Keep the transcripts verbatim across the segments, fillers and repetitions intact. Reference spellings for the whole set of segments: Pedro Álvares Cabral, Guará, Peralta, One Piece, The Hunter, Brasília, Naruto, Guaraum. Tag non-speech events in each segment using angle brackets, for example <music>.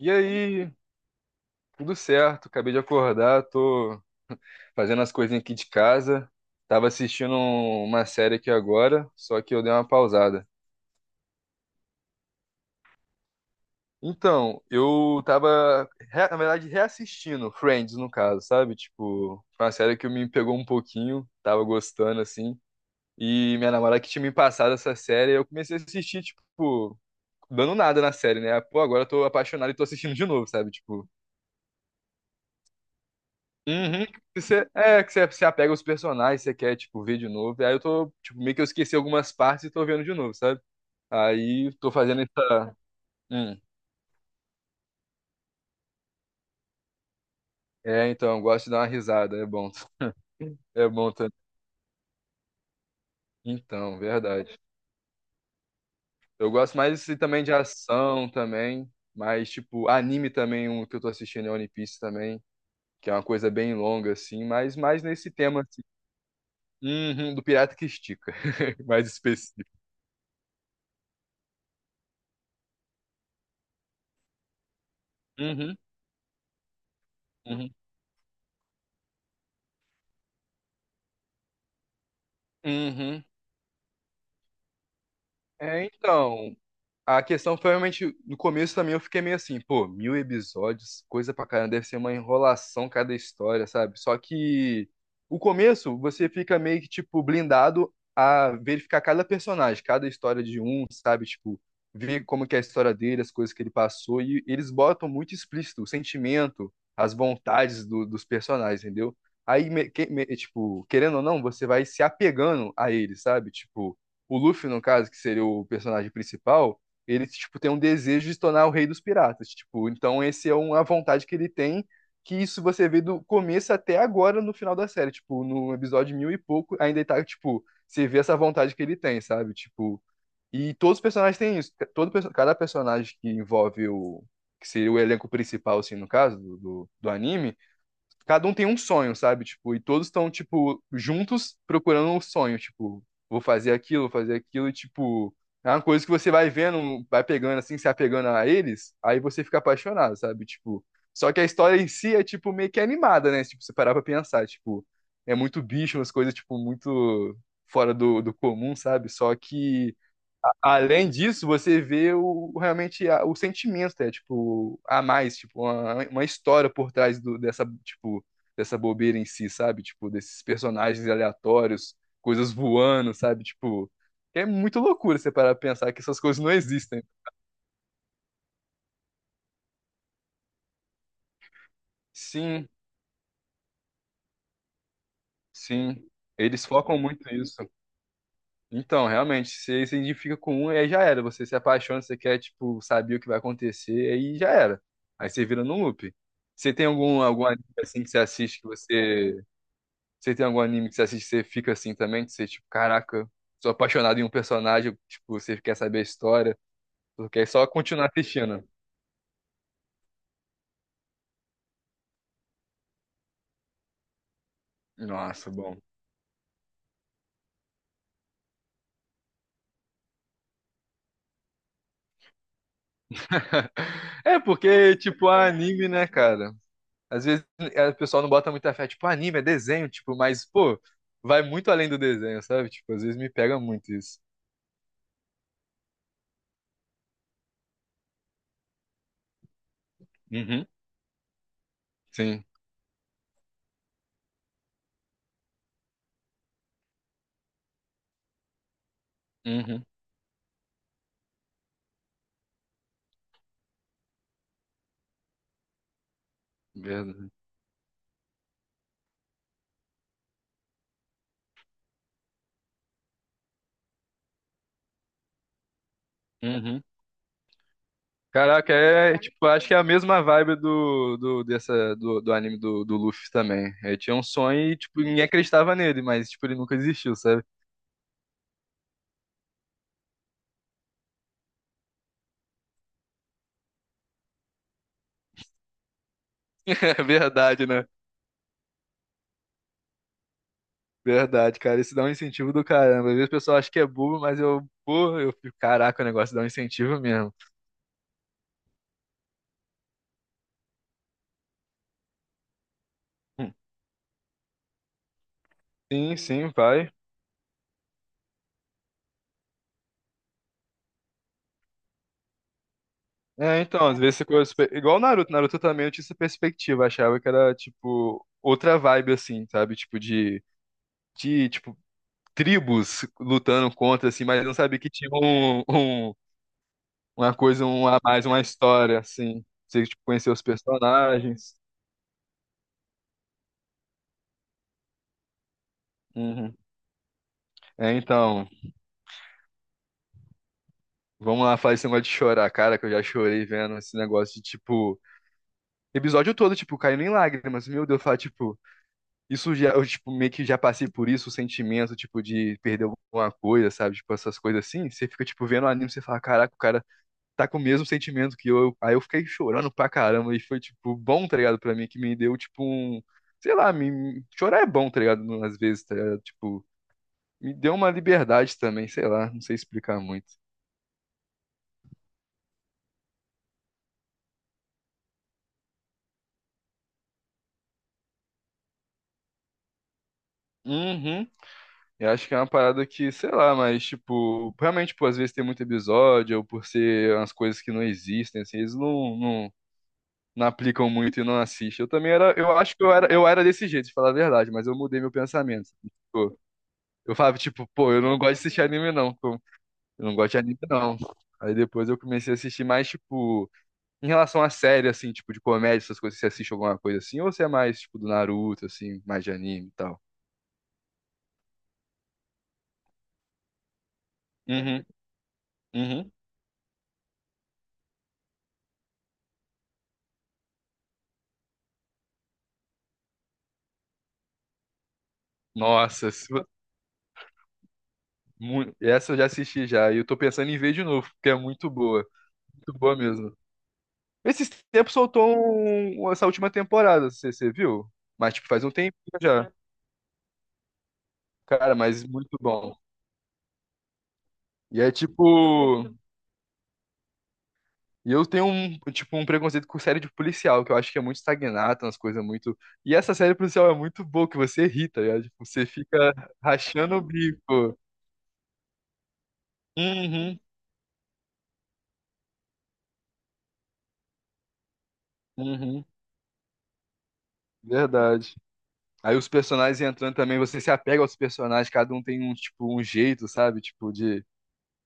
E aí, tudo certo? Acabei de acordar, tô fazendo as coisinhas aqui de casa. Tava assistindo um- uma série aqui agora, só que eu dei uma pausada. Então, eu tava, re- na verdade, reassistindo Friends, no caso, sabe? Tipo, foi uma série que me pegou um pouquinho, tava gostando, assim. E minha namorada que tinha me passado essa série, eu comecei a assistir, tipo, dando nada na série, né? Pô, agora eu tô apaixonado e tô assistindo de novo, sabe? Tipo... Uhum. Que você, é, que você se apega aos personagens, você quer, tipo, ver de novo. Aí eu tô, tipo, meio que eu esqueci algumas partes e tô vendo de novo, sabe? Aí tô fazendo essa. Hum. É, então, eu gosto de dar uma risada, é bom. É bom também. Então, verdade. Eu gosto mais assim, também de ação também, mas, tipo, anime também, um que eu tô assistindo é One Piece também, que é uma coisa bem longa, assim, mas mais nesse tema, assim. Uhum, do pirata que estica, <laughs> mais específico. Uhum, uhum, uhum. É, então. A questão foi realmente, no começo também eu fiquei meio assim, pô, mil episódios, coisa pra caramba, deve ser uma enrolação cada história, sabe? Só que o começo você fica meio que, tipo, blindado a verificar cada personagem, cada história de um, sabe? Tipo, ver como que é a história dele, as coisas que ele passou, e eles botam muito explícito o sentimento, as vontades do- dos personagens, entendeu? Aí, me- que- me- tipo, querendo ou não, você vai se apegando a eles, sabe? Tipo, o Luffy, no caso, que seria o personagem principal, ele tipo tem um desejo de se tornar o rei dos piratas, tipo, então esse é uma vontade que ele tem, que isso você vê do começo até agora no final da série, tipo, no episódio mil e pouco, ainda ele tá tipo, você vê essa vontade que ele tem, sabe? Tipo, e todos os personagens têm isso, todo perso- cada personagem que envolve o que seria o elenco principal assim no caso do, do do anime, cada um tem um sonho, sabe? Tipo, e todos estão, tipo, juntos procurando um sonho, tipo, vou fazer aquilo, vou fazer aquilo, e, tipo, é uma coisa que você vai vendo, vai pegando assim, se apegando a eles, aí você fica apaixonado, sabe? Tipo, só que a história em si é, tipo, meio que animada, né? Tipo, você parar pra pensar, tipo, é muito bicho, umas coisas, tipo, muito fora do, do comum, sabe? Só que... Além disso, você vê o, realmente a- o sentimento, é tipo, a mais, tipo, uma, uma história por trás do- dessa, tipo, dessa bobeira em si, sabe? Tipo, desses personagens aleatórios, coisas voando, sabe? Tipo, é muito loucura você parar pra pensar que essas coisas não existem. Sim, sim. Eles focam muito nisso. Então, realmente, você se identifica com um, aí já era. Você se apaixona, você quer, tipo, saber o que vai acontecer, aí já era. Aí você vira num loop. Você tem algum, algum anime assim que você assiste que você... Você tem algum anime que você assiste que você fica assim também? Que você, tipo, caraca, sou apaixonado em um personagem, tipo, você quer saber a história, porque é só continuar assistindo. Nossa, bom. <laughs> É porque, tipo, anime, né, cara? Às vezes é, o pessoal não bota muita fé, tipo, anime é desenho, tipo, mas, pô, vai muito além do desenho, sabe? Tipo, às vezes me pega muito isso. Uhum. Sim. Uhum. Verdade. Uhum. Caraca, é, é, tipo, acho que é a mesma vibe do, do, dessa, do, do anime do, do Luffy também. Eu tinha um sonho e, tipo, ninguém acreditava nele, mas, tipo, ele nunca existiu, sabe? <laughs> É verdade, né? Verdade, cara. Isso dá um incentivo do caramba. Às vezes o pessoal acha que é bobo, mas eu, pô, eu fico, caraca, o negócio dá um incentivo mesmo. Sim, sim, vai. É, então, às vezes ficou super- igual o Naruto. Naruto também eu tinha essa perspectiva, achava que era tipo outra vibe assim, sabe? Tipo de de tipo tribos lutando contra assim, mas eu não sabia que tinha um, um- uma coisa um a mais, uma história assim. Você tipo conhecer os personagens. Uhum. É, então, vamos lá falar esse negócio de chorar, cara, que eu já chorei vendo esse negócio de tipo episódio todo tipo caindo em lágrimas. Meu Deus, eu falo, tipo... Isso já, eu, tipo, meio que já passei por isso, o sentimento, tipo, de perder alguma coisa, sabe? Tipo, essas coisas assim. Você fica, tipo, vendo o anime, você fala, caraca, o cara tá com o mesmo sentimento que eu. Aí eu fiquei chorando pra caramba e foi, tipo, bom, tá ligado? Pra mim, que me deu, tipo, um... Sei lá, me... chorar é bom, tá ligado? Às vezes, tá ligado? Tipo, me deu uma liberdade também, sei lá, não sei explicar muito. Uhum. Eu acho que é uma parada que, sei lá, mas, tipo, realmente, tipo, às vezes tem muito episódio, ou por ser umas coisas que não existem, assim, eles não, não não aplicam muito e não assistem. Eu também era, eu acho que eu era, eu era desse jeito, de falar a verdade, mas eu mudei meu pensamento. Tipo, eu falava, tipo, pô, eu não gosto de assistir anime, não. Pô. Eu não gosto de anime, não. Aí depois eu comecei a assistir mais, tipo, em relação a série, assim, tipo, de comédia, essas coisas, você assiste alguma coisa assim, ou você é mais, tipo, do Naruto, assim, mais de anime e tal? Uhum, uhum. Nossa, se- mu- Essa eu já assisti já, e eu tô pensando em ver de novo, porque é muito boa, muito boa mesmo. Esses tempos soltou um- essa última temporada, você você viu? Mas, tipo, faz um tempinho já. Cara, mas muito bom. E é tipo... E eu tenho um, tipo, um preconceito com série de policial, que eu acho que é muito estagnado, umas coisas muito. E essa série policial é muito boa, que você irrita, você fica rachando o bico. Uhum, uhum, verdade. Aí os personagens entrando também, você se apega aos personagens, cada um tem um, tipo, um jeito, sabe? Tipo, de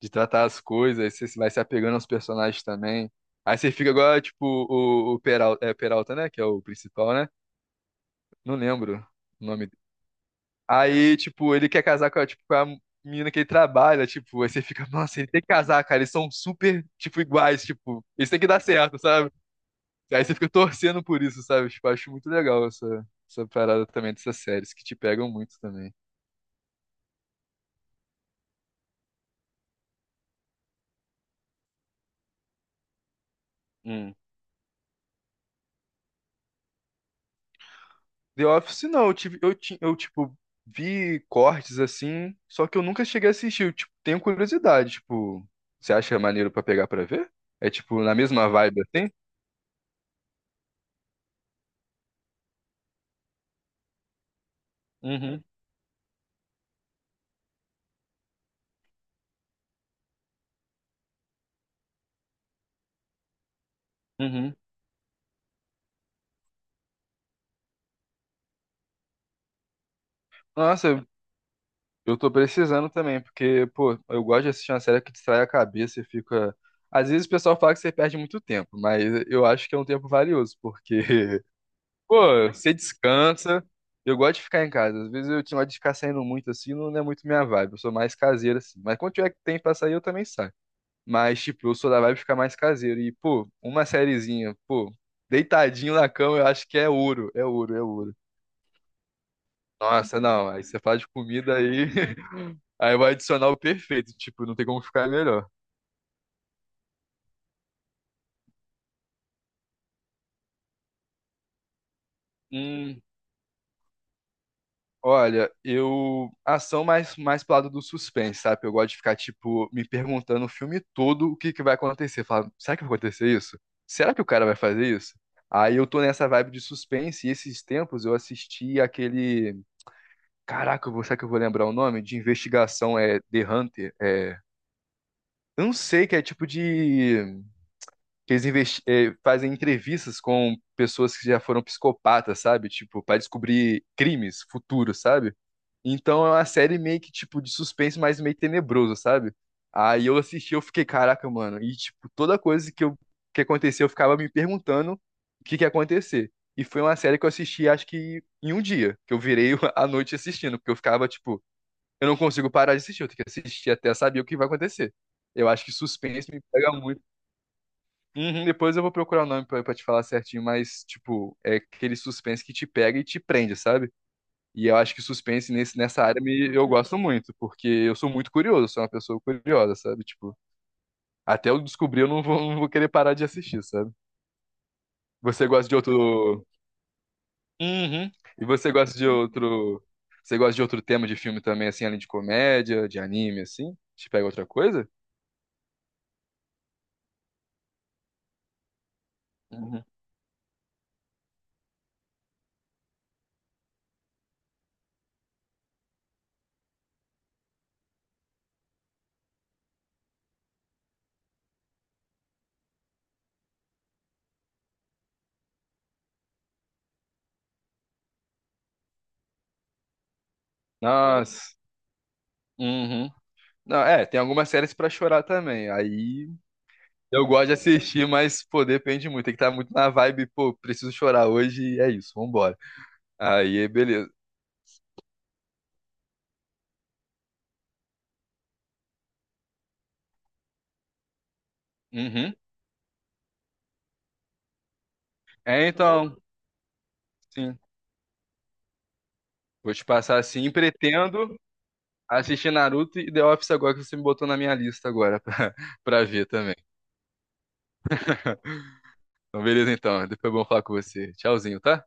de tratar as coisas, você vai se apegando aos personagens também. Aí você fica agora, tipo, o, o Peralta, é Peralta, né? Que é o principal, né? Não lembro o nome dele. Aí, tipo, ele quer casar com a, tipo, com a menina que ele trabalha, tipo, aí você fica, nossa, ele tem que casar, cara, eles são super, tipo, iguais, tipo, isso tem que dar certo, sabe? Aí você fica torcendo por isso, sabe? Tipo, acho muito legal essa, essa parada também dessas séries que te pegam muito também. Hum. The Office não, eu tive, eu, ti- eu tipo vi cortes assim, só que eu nunca cheguei a assistir. Eu, tipo, tenho curiosidade, tipo, você acha maneiro pra pegar pra ver? É tipo na mesma vibe assim? Uhum, uhum. Nossa, eu eu tô precisando também, porque pô, eu gosto de assistir uma série que distrai a cabeça e fica... Às vezes o pessoal fala que você perde muito tempo, mas eu acho que é um tempo valioso, porque... <laughs> Pô, você descansa. Eu gosto de ficar em casa. Às vezes eu tinha de ficar saindo muito assim, não é muito minha vibe. Eu sou mais caseiro assim. Mas quando tiver que tem pra sair, eu também saio. Mas, tipo, eu sou da vibe de ficar mais caseiro. E, pô, uma sériezinha, pô, deitadinho na cama, eu acho que é ouro. É ouro, é ouro. Nossa, não. Aí você fala de comida aí. <laughs> Aí vai adicionar o perfeito. Tipo, não tem como ficar melhor. Hum. Olha, eu... Ação mais, mais pro lado do suspense, sabe? Eu gosto de ficar, tipo, me perguntando o filme todo o que que vai acontecer. Falando, será que vai acontecer isso? Será que o cara vai fazer isso? Aí eu tô nessa vibe de suspense e esses tempos eu assisti aquele... Caraca, eu vou- será que eu vou lembrar o nome? De investigação, é The Hunter. É. Eu não sei, que é tipo de... Que eles investi- é, fazem entrevistas com pessoas que já foram psicopatas, sabe? Tipo, pra descobrir crimes futuros, sabe? Então é uma série meio que, tipo, de suspense, mas meio tenebroso, sabe? Aí eu assisti, eu fiquei, caraca, mano. E, tipo, toda coisa que, eu, que aconteceu, eu ficava me perguntando o que que ia acontecer. E foi uma série que eu assisti, acho que em um dia, que eu virei <laughs> a noite assistindo, porque eu ficava, tipo, eu não consigo parar de assistir, eu tenho que assistir até saber o que vai acontecer. Eu acho que suspense me pega muito. Uhum, depois eu vou procurar o nome pra, pra te falar certinho, mas, tipo, é aquele suspense que te pega e te prende, sabe? E eu acho que suspense nesse, nessa área me... eu gosto muito, porque eu sou muito curioso, sou uma pessoa curiosa, sabe? Tipo, até eu descobrir, eu não vou, não vou querer parar de assistir, sabe? Você gosta de outro. Uhum. E você gosta de outro. Você gosta de outro tema de filme também, assim, além de comédia, de anime, assim? Te pega outra coisa? Uhum. Nossa. Uhum. Não, é, tem algumas séries pra chorar também. Aí eu gosto de assistir, mas, pô, depende muito. Tem que estar muito na vibe, pô, preciso chorar hoje e é isso, vambora. Aí, beleza. Uhum. É, então, sim. Vou te passar assim. Pretendo assistir Naruto e The Office agora que você me botou na minha lista agora <laughs> pra, pra ver também. Então, beleza então. Depois é bom falar com você. Tchauzinho, tá?